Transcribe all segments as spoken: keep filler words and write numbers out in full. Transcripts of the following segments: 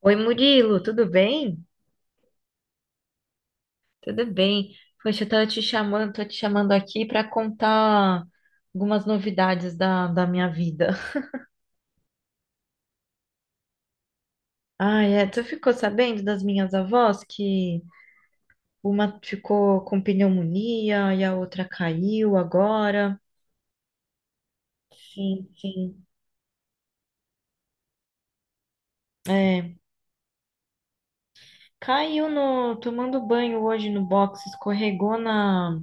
Oi, Murilo, tudo bem? Tudo bem. Poxa, eu tava te chamando, tô te chamando aqui para contar algumas novidades da, da minha vida. Ah, é, tu ficou sabendo das minhas avós que uma ficou com pneumonia e a outra caiu agora? Sim, sim. É, caiu no, tomando banho hoje no box, escorregou na,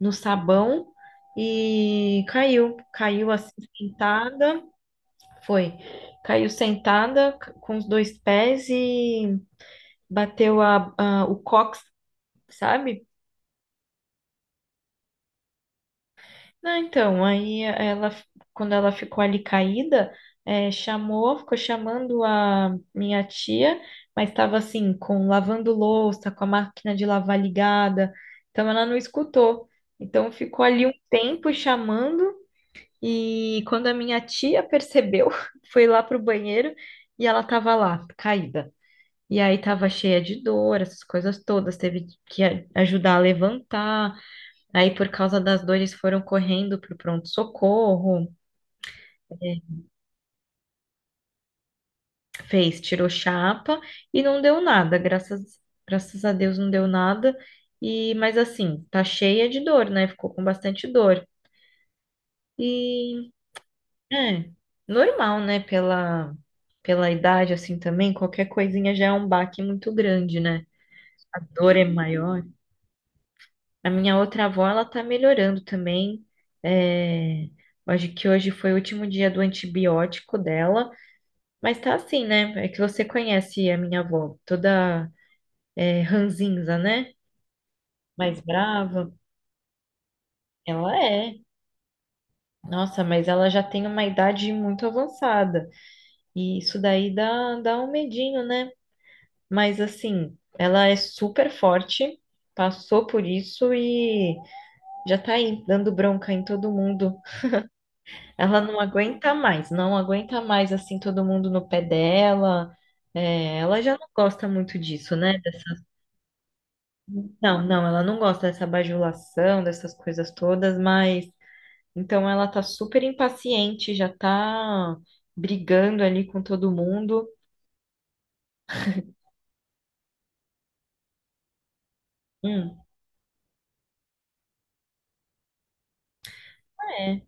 no sabão e caiu, caiu assim sentada. Foi. Caiu sentada c- com os dois pés e bateu a, a- o cox, sabe? Não, então, aí ela, quando ela ficou ali caída, é, chamou, ficou chamando a minha tia, mas estava assim, com lavando louça, com a máquina de lavar ligada, então ela não escutou. Então ficou ali um tempo chamando, e quando a minha tia percebeu, foi lá pro banheiro e ela estava lá, caída. E aí tava cheia de dor, essas coisas todas, teve que a- ajudar a levantar. Aí por causa das dores foram correndo pro pronto-socorro, é, fez, tirou chapa e não deu nada, graças, graças a Deus não deu nada. E mas assim, tá cheia de dor, né? Ficou com bastante dor. E é normal, né, pela pela idade assim também, qualquer coisinha já é um baque muito grande, né? A dor é maior. A minha outra avó, ela tá melhorando também. É, acho que hoje foi o último dia do antibiótico dela, mas tá assim, né? É que você conhece a minha avó, toda é, ranzinza, né? Mais brava. Ela é. Nossa, mas ela já tem uma idade muito avançada. E isso daí dá, dá um medinho, né? Mas assim, ela é super forte, passou por isso e já tá aí dando bronca em todo mundo. Ela não aguenta mais, não aguenta mais assim todo mundo no pé dela. É, ela já não gosta muito disso, né? Dessa- Não, não, ela não gosta dessa bajulação, dessas coisas todas, mas então ela tá super impaciente, já tá brigando ali com todo mundo. Hum, é.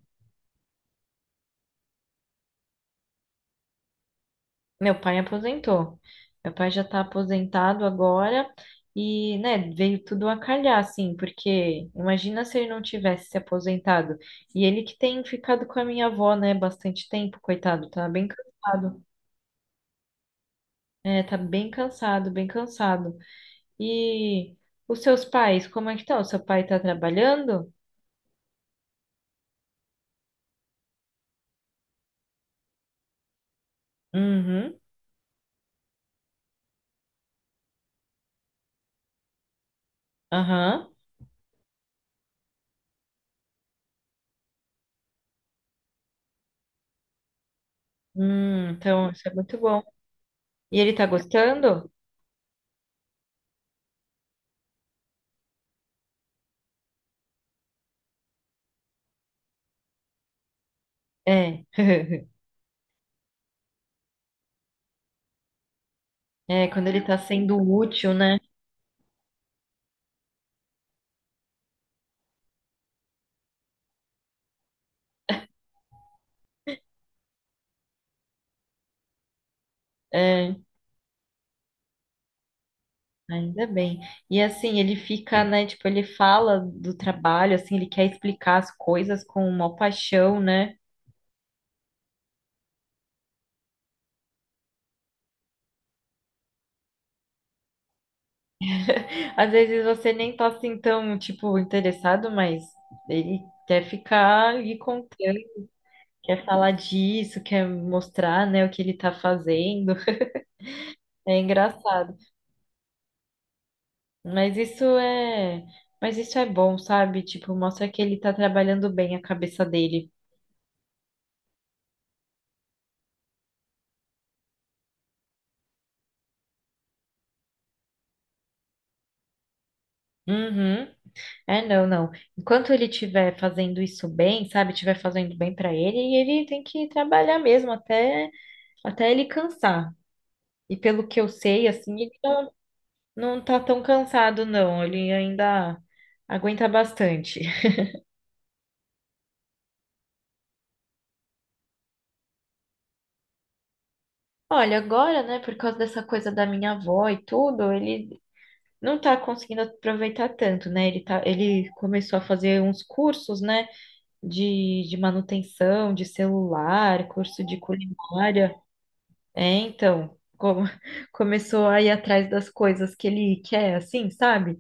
Meu pai aposentou. Meu pai já está aposentado agora e, né, veio tudo a calhar, assim, porque imagina se ele não tivesse se aposentado. E ele que tem ficado com a minha avó, né, bastante tempo, coitado, tá bem cansado. É, tá bem cansado, bem cansado. E os seus pais, como é que estão? Seu pai tá trabalhando? Uhum, aham. Hum, então, isso é muito bom. E ele tá gostando? É. É, quando ele tá sendo útil, né? É. Ainda bem. E assim, ele fica, né? Tipo, ele fala do trabalho, assim, ele quer explicar as coisas com uma paixão, né? Às vezes você nem tá assim tão, tipo, interessado, mas ele quer ficar lhe contando, quer falar disso, quer mostrar, né, o que ele tá fazendo. É engraçado. Mas isso é, mas isso é bom, sabe? Tipo, mostra que ele tá trabalhando bem a cabeça dele. Uhum. É, não, não. Enquanto ele estiver fazendo isso bem, sabe, estiver fazendo bem para ele, ele tem que trabalhar mesmo até, até ele cansar. E pelo que eu sei, assim, ele não, não tá tão cansado, não. Ele ainda aguenta bastante. Olha, agora, né, por causa dessa coisa da minha avó e tudo, ele não tá conseguindo aproveitar tanto, né? Ele tá, ele começou a fazer uns cursos, né, de, de manutenção de celular, curso de culinária. É, então, co- começou a ir atrás das coisas que ele quer, assim, sabe?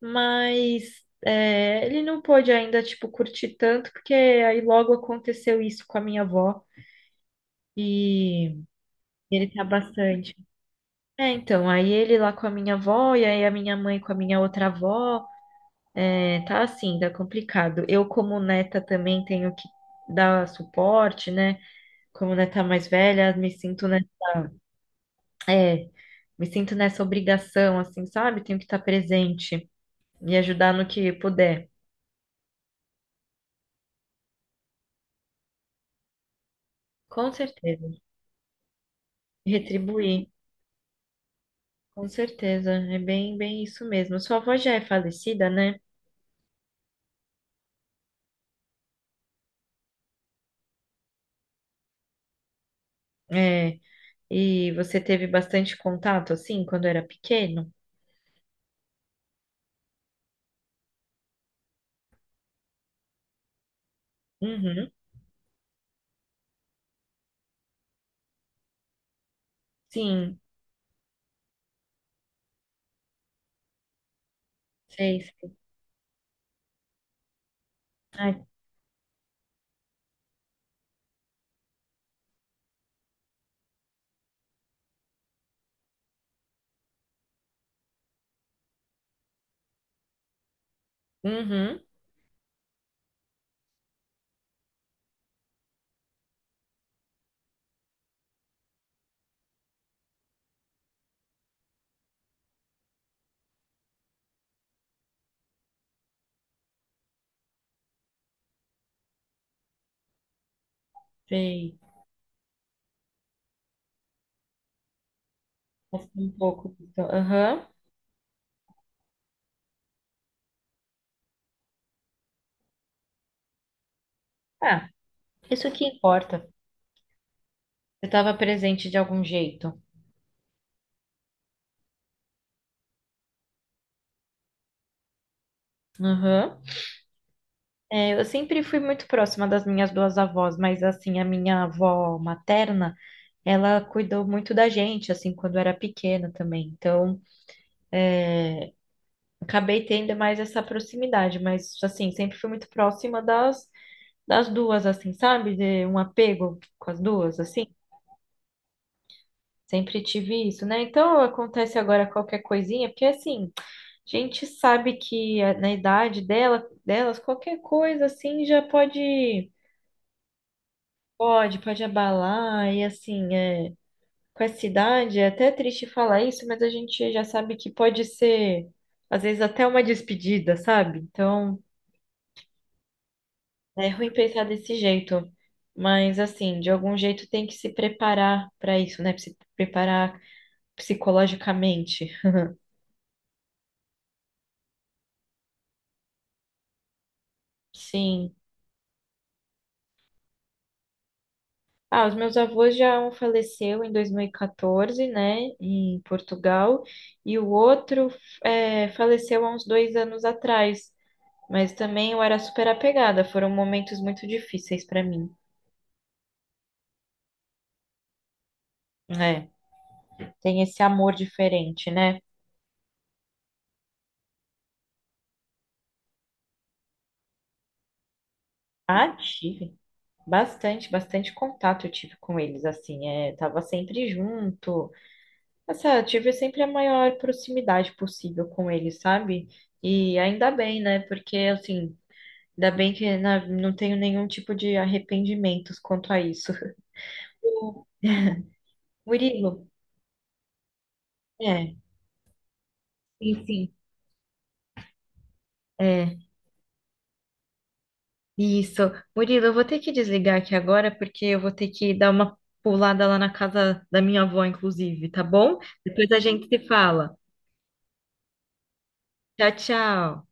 Mas é, ele não pôde ainda, tipo, curtir tanto, porque aí logo aconteceu isso com a minha avó e ele tá bastante. É, então, aí ele lá com a minha avó e aí a minha mãe com a minha outra avó, é, tá assim, tá complicado. Eu, como neta, também tenho que dar suporte, né? Como neta mais velha, me sinto, nessa É, me sinto nessa obrigação, assim, sabe? Tenho que estar presente e ajudar no que puder. Com certeza. Retribuir, com certeza. É bem, bem isso mesmo. Sua avó já é falecida, né? É, e você teve bastante contato, assim, quando era pequeno? Uhum. Sim, sei. Sei. Ai, uhum, sei. Passei um pouco. Então, aham. Ah, isso que importa. Você estava presente de algum jeito. Aham. É, eu sempre fui muito próxima das minhas duas avós, mas assim, a minha avó materna, ela cuidou muito da gente, assim, quando era pequena também. Então, acabei tendo mais essa proximidade, mas assim, sempre fui muito próxima das, das duas, assim, sabe? De um apego com as duas, assim. Sempre tive isso, né? Então, acontece agora qualquer coisinha, porque assim, a gente sabe que eh, na idade dela, delas, qualquer coisa assim já pode Pode, pode abalar, e assim, é, com essa idade é até triste falar isso, mas a gente já sabe que pode ser, às vezes, até uma despedida, sabe? Então, é ruim pensar desse jeito, mas assim, de algum jeito tem que se preparar para isso, né? Se preparar psicologicamente. Sim. Ah, os meus avós já um faleceu em dois mil e quatorze, né, em Portugal, e o outro é, faleceu há uns dois anos atrás. Mas também eu era super apegada, foram momentos muito difíceis pra mim. É, tem esse amor diferente, né? Ah, tive bastante, bastante contato eu tive com eles, assim, é, tava sempre junto. Nossa, eu tive sempre a maior proximidade possível com eles, sabe? E ainda bem, né? Porque, assim, ainda bem que na- não tenho nenhum tipo de arrependimentos quanto a isso. O Murilo, é, sim, sim. É. Isso. Murilo, eu vou ter que desligar aqui agora, porque eu vou ter que dar uma pulada lá na casa da minha avó, inclusive, tá bom? Depois a gente se fala. Tchau, tchau.